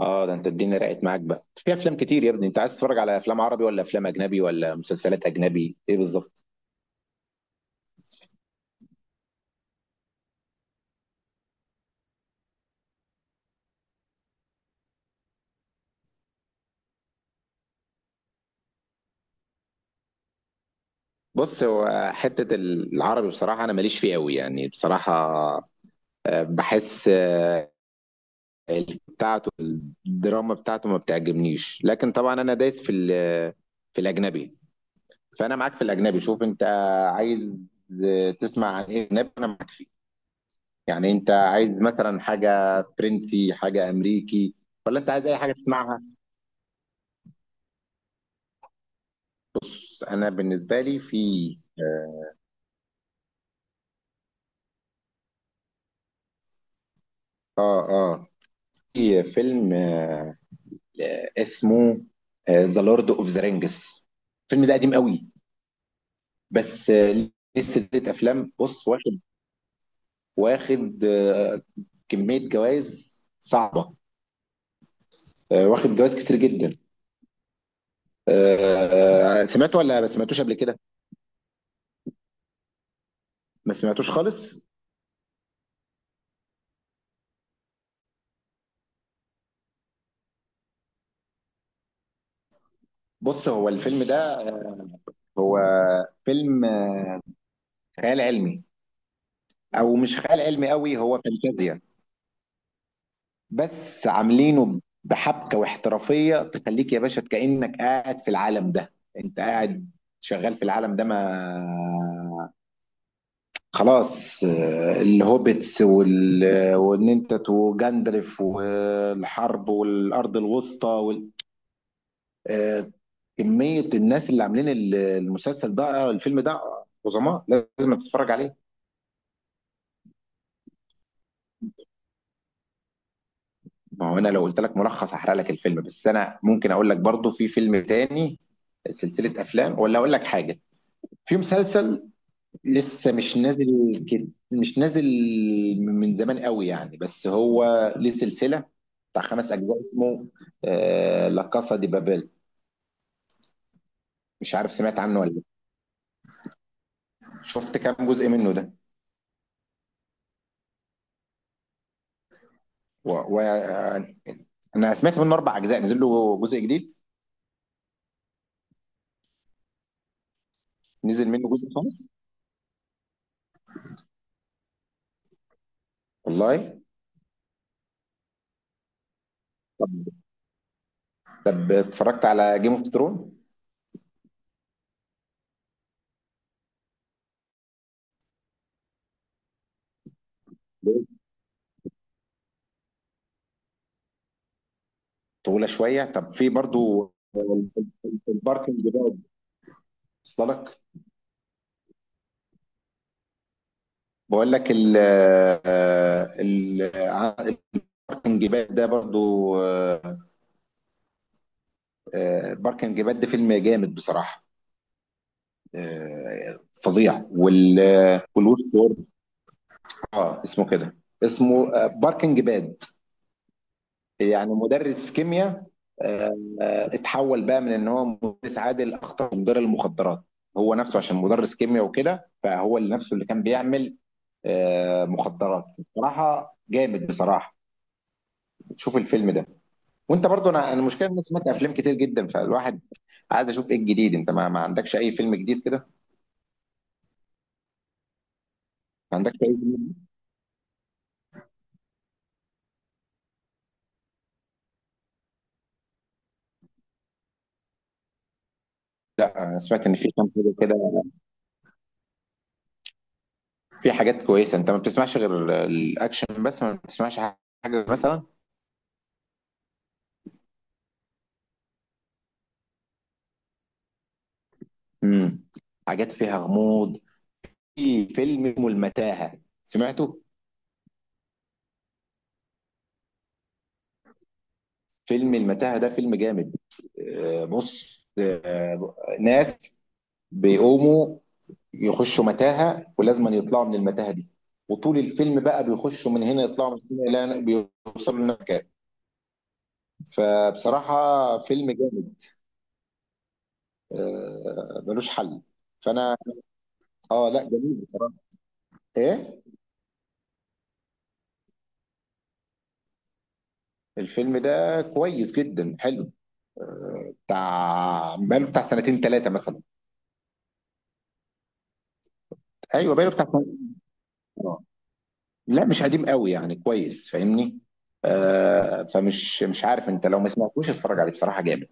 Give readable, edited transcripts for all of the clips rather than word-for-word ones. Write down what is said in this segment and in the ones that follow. اه، ده انت الدنيا رقت معاك بقى في افلام كتير يا ابني. انت عايز تتفرج على افلام عربي ولا افلام اجنبي ولا مسلسلات اجنبي، ايه بالظبط؟ بص، هو حته العربي بصراحه انا ماليش فيه قوي يعني، بصراحه. بحس، بتاعته. الدراما بتاعته ما بتعجبنيش، لكن طبعا انا دايس في في الاجنبي. فانا معاك في الاجنبي. شوف انت عايز، تسمع عن ايه اجنبي؟ انا معاك فيه. يعني انت عايز مثلا حاجه فرنسي، حاجه امريكي؟ ولا انت عايز اي حاجه تسمعها؟ بص، انا بالنسبه لي في اه اه آه، في فيلم، اسمه ذا لورد اوف ذا رينجز. الفيلم ده قديم قوي، بس ليه سلسله افلام. بص، واخد، واخد آه، كميه جوائز صعبه، واخد جوائز كتير جدا. سمعته ولا ما سمعتوش قبل كده؟ ما سمعتوش خالص. بص، هو الفيلم ده هو فيلم خيال علمي، او مش خيال علمي قوي، هو فانتازيا. بس عاملينه بحبكه واحترافيه تخليك يا باشا كأنك قاعد في العالم ده، انت قاعد شغال في العالم ده. ما خلاص، الهوبتس وان انت وجندلف والحرب والارض الوسطى آه، كميه الناس اللي عاملين المسلسل ده، الفيلم ده، عظماء. لازم تتفرج عليه. ما هو انا لو قلت لك ملخص هحرق لك الفيلم، بس انا ممكن اقول لك برضو في فيلم تاني، سلسله افلام، ولا اقول لك حاجه. في مسلسل لسه مش نازل كده، مش نازل من زمان قوي يعني، بس هو ليه سلسلة بتاع خمس أجزاء اسمه لا كاسا دي بابيل. مش عارف سمعت عنه ولا لأ. شفت كام جزء منه ده؟ وأنا و... أنا سمعت منه أربع أجزاء، نزل له جزء جديد، نزل منه جزء خامس. والله. طب طب اتفرجت على جيم اوف ثرون؟ طويلة شوية. طب في برضو الباركنج ده، وصل لك؟ بقول لك ال آه، ال الباركنج باد ده برضو. آه، الباركنج باد ده فيلم جامد بصراحة، فظيع. والوش وورد، اه، اسمه كده. اسمه باركنج باد. يعني مدرس كيمياء، اتحول بقى من ان هو مدرس عادل اخطر مدير المخدرات. هو نفسه عشان مدرس كيمياء وكده فهو اللي نفسه اللي كان بيعمل مخدرات. بصراحة جامد بصراحة. شوف الفيلم ده. وانت برضو انا المشكله ان انا سمعت افلام كتير جدا، فالواحد عايز اشوف ايه الجديد. انت ما عندكش اي فيلم جديد كده؟ ما عندكش اي فيلم؟ لا، انا سمعت ان في كام حاجه كده، في حاجات كويسه. انت ما بتسمعش غير الاكشن بس، ما بتسمعش حاجه مثلا؟ امم حاجات فيها غموض. في فيلم اسمه المتاهه، سمعته؟ فيلم المتاهه ده فيلم جامد. بص، ناس بيقوموا يخشوا متاهه ولازم يطلعوا من المتاهه دي. وطول الفيلم بقى بيخشوا من هنا يطلعوا من هنا، لا بيوصلوا للمكان. فبصراحه فيلم جامد، ملوش حل. فانا، اه لا جميل، ايه، الفيلم ده كويس جدا حلو. بتاع بقاله بتاع سنتين ثلاثه مثلا. ايوه بقاله بتاع سنتين. آه. لا مش قديم قوي يعني، كويس فاهمني. فمش، مش عارف، انت لو ما سمعتوش اتفرج عليه بصراحه جامد.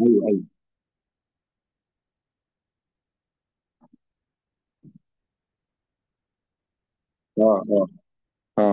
ايوه، ايوه. اه، اه. اه.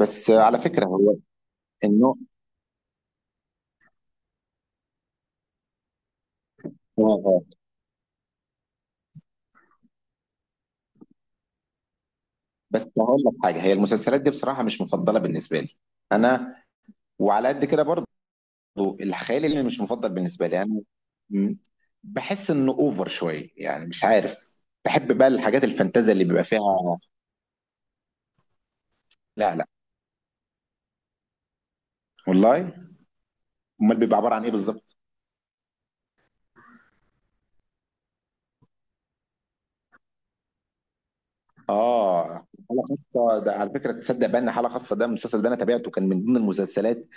بس على فكرة هو النوع. اه، آه. بس هقول لك حاجة، هي المسلسلات دي بصراحة مش مفضلة بالنسبة لي أنا، وعلى قد كده برضو الخيال اللي مش مفضل بالنسبة لي أنا. م- بحس إنه أوفر شوية يعني، مش عارف. بحب بقى الحاجات الفانتازيا اللي بيبقى فيها. لا لا، والله. أمال بيبقى عبارة عن إيه بالظبط؟ آه. حالة خاصة ده، على فكرة تصدق بأن حالة خاصة ده المسلسل ده أنا تابعته كان من ضمن المسلسلات.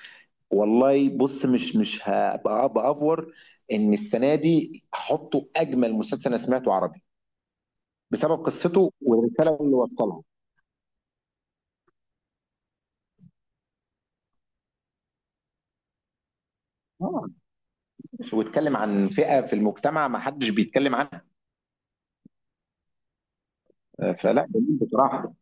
والله بص، مش هبقى بافور ان السنه دي هحطه اجمل مسلسل انا سمعته عربي، بسبب قصته والرساله اللي وصلها. اه، واتكلم عن فئه في المجتمع ما حدش بيتكلم عنها، فلا جميل بصراحه.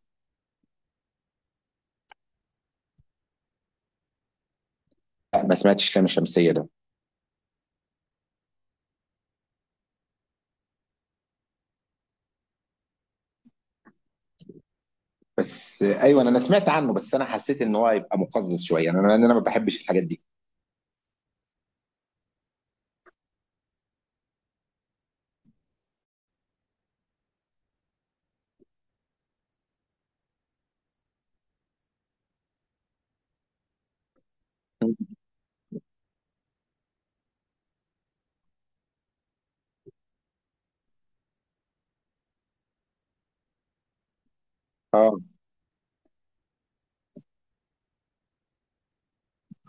لا، ما سمعتش لام شمسيه ده. بس ايوه، انا سمعت عنه، بس انا حسيت ان هو هيبقى مقزز شويه انا لان انا ما بحبش الحاجات دي.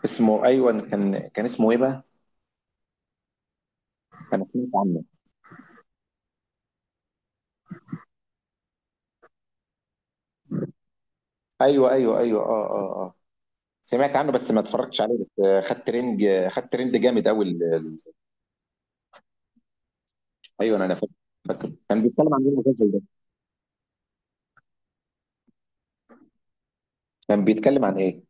اسمه، ايوه، كان اسمه ايه بقى؟ انا سمعت عنه. ايوه ايوه ايوه، اه اه آه. سمعت عنه بس ما اتفرجتش عليه، بس خد ترند، خد ترند جامد قوي ايوه انا فاكر. فاكر كان بيتكلم عن ايه المسلسل ده، كان بيتكلم عن ايه؟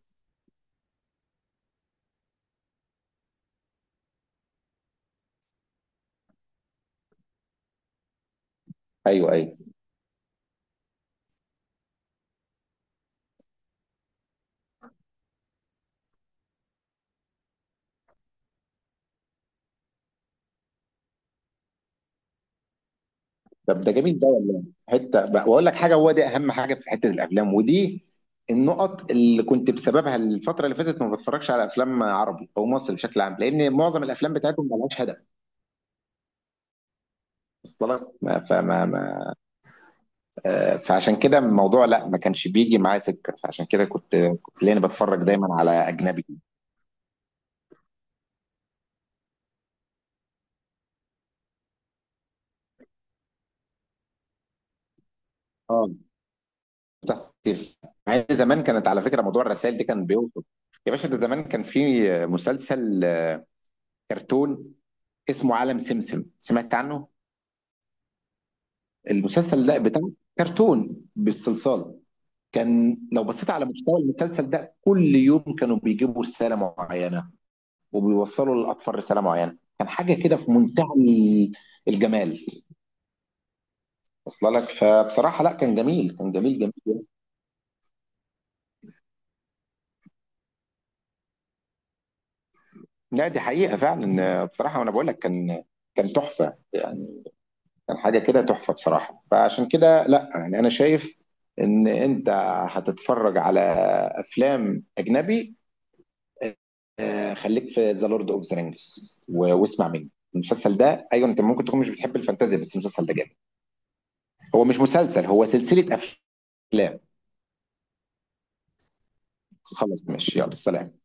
ايوه ايوه. طب ده جميل ده والله. واقول لك حاجه، هو ده اهم حاجه في حته الافلام ودي النقط اللي كنت بسببها الفتره اللي فاتت ما بتفرجش على افلام عربي او مصري بشكل عام، لان معظم الافلام بتاعتهم ما لهاش هدف. وصل لك؟ ما- فما ما فعشان كده الموضوع، لا ما كانش بيجي معايا سكه، فعشان كده كنت لاني بتفرج دايما على اجنبي. اه، بتحصل كتير. مع إن زمان كانت على فكره، موضوع الرسائل دي كان بيوصل. يا باشا، ده زمان كان في مسلسل كرتون اسمه عالم سمسم، سمعت عنه؟ المسلسل ده بتاع كرتون بالصلصال. كان لو بصيت على محتوى المسلسل ده كل يوم كانوا بيجيبوا رساله معينه وبيوصلوا للاطفال رساله معينه، كان حاجه كده في منتهى الجمال. وصل لك؟ فبصراحه، لا كان جميل، كان جميل جميل. لا، دي حقيقه فعلا بصراحه، وانا بقول لك كان تحفه. كان حاجة كده تحفة بصراحة، فعشان كده لا يعني، أنا شايف إن أنت هتتفرج على أفلام أجنبي. خليك في ذا لورد أوف ذا رينجز، واسمع مني، المسلسل ده أيوه، أنت ممكن تكون مش بتحب الفانتازيا بس المسلسل ده جامد. هو مش مسلسل، هو سلسلة أفلام. خلاص ماشي، يلا سلام.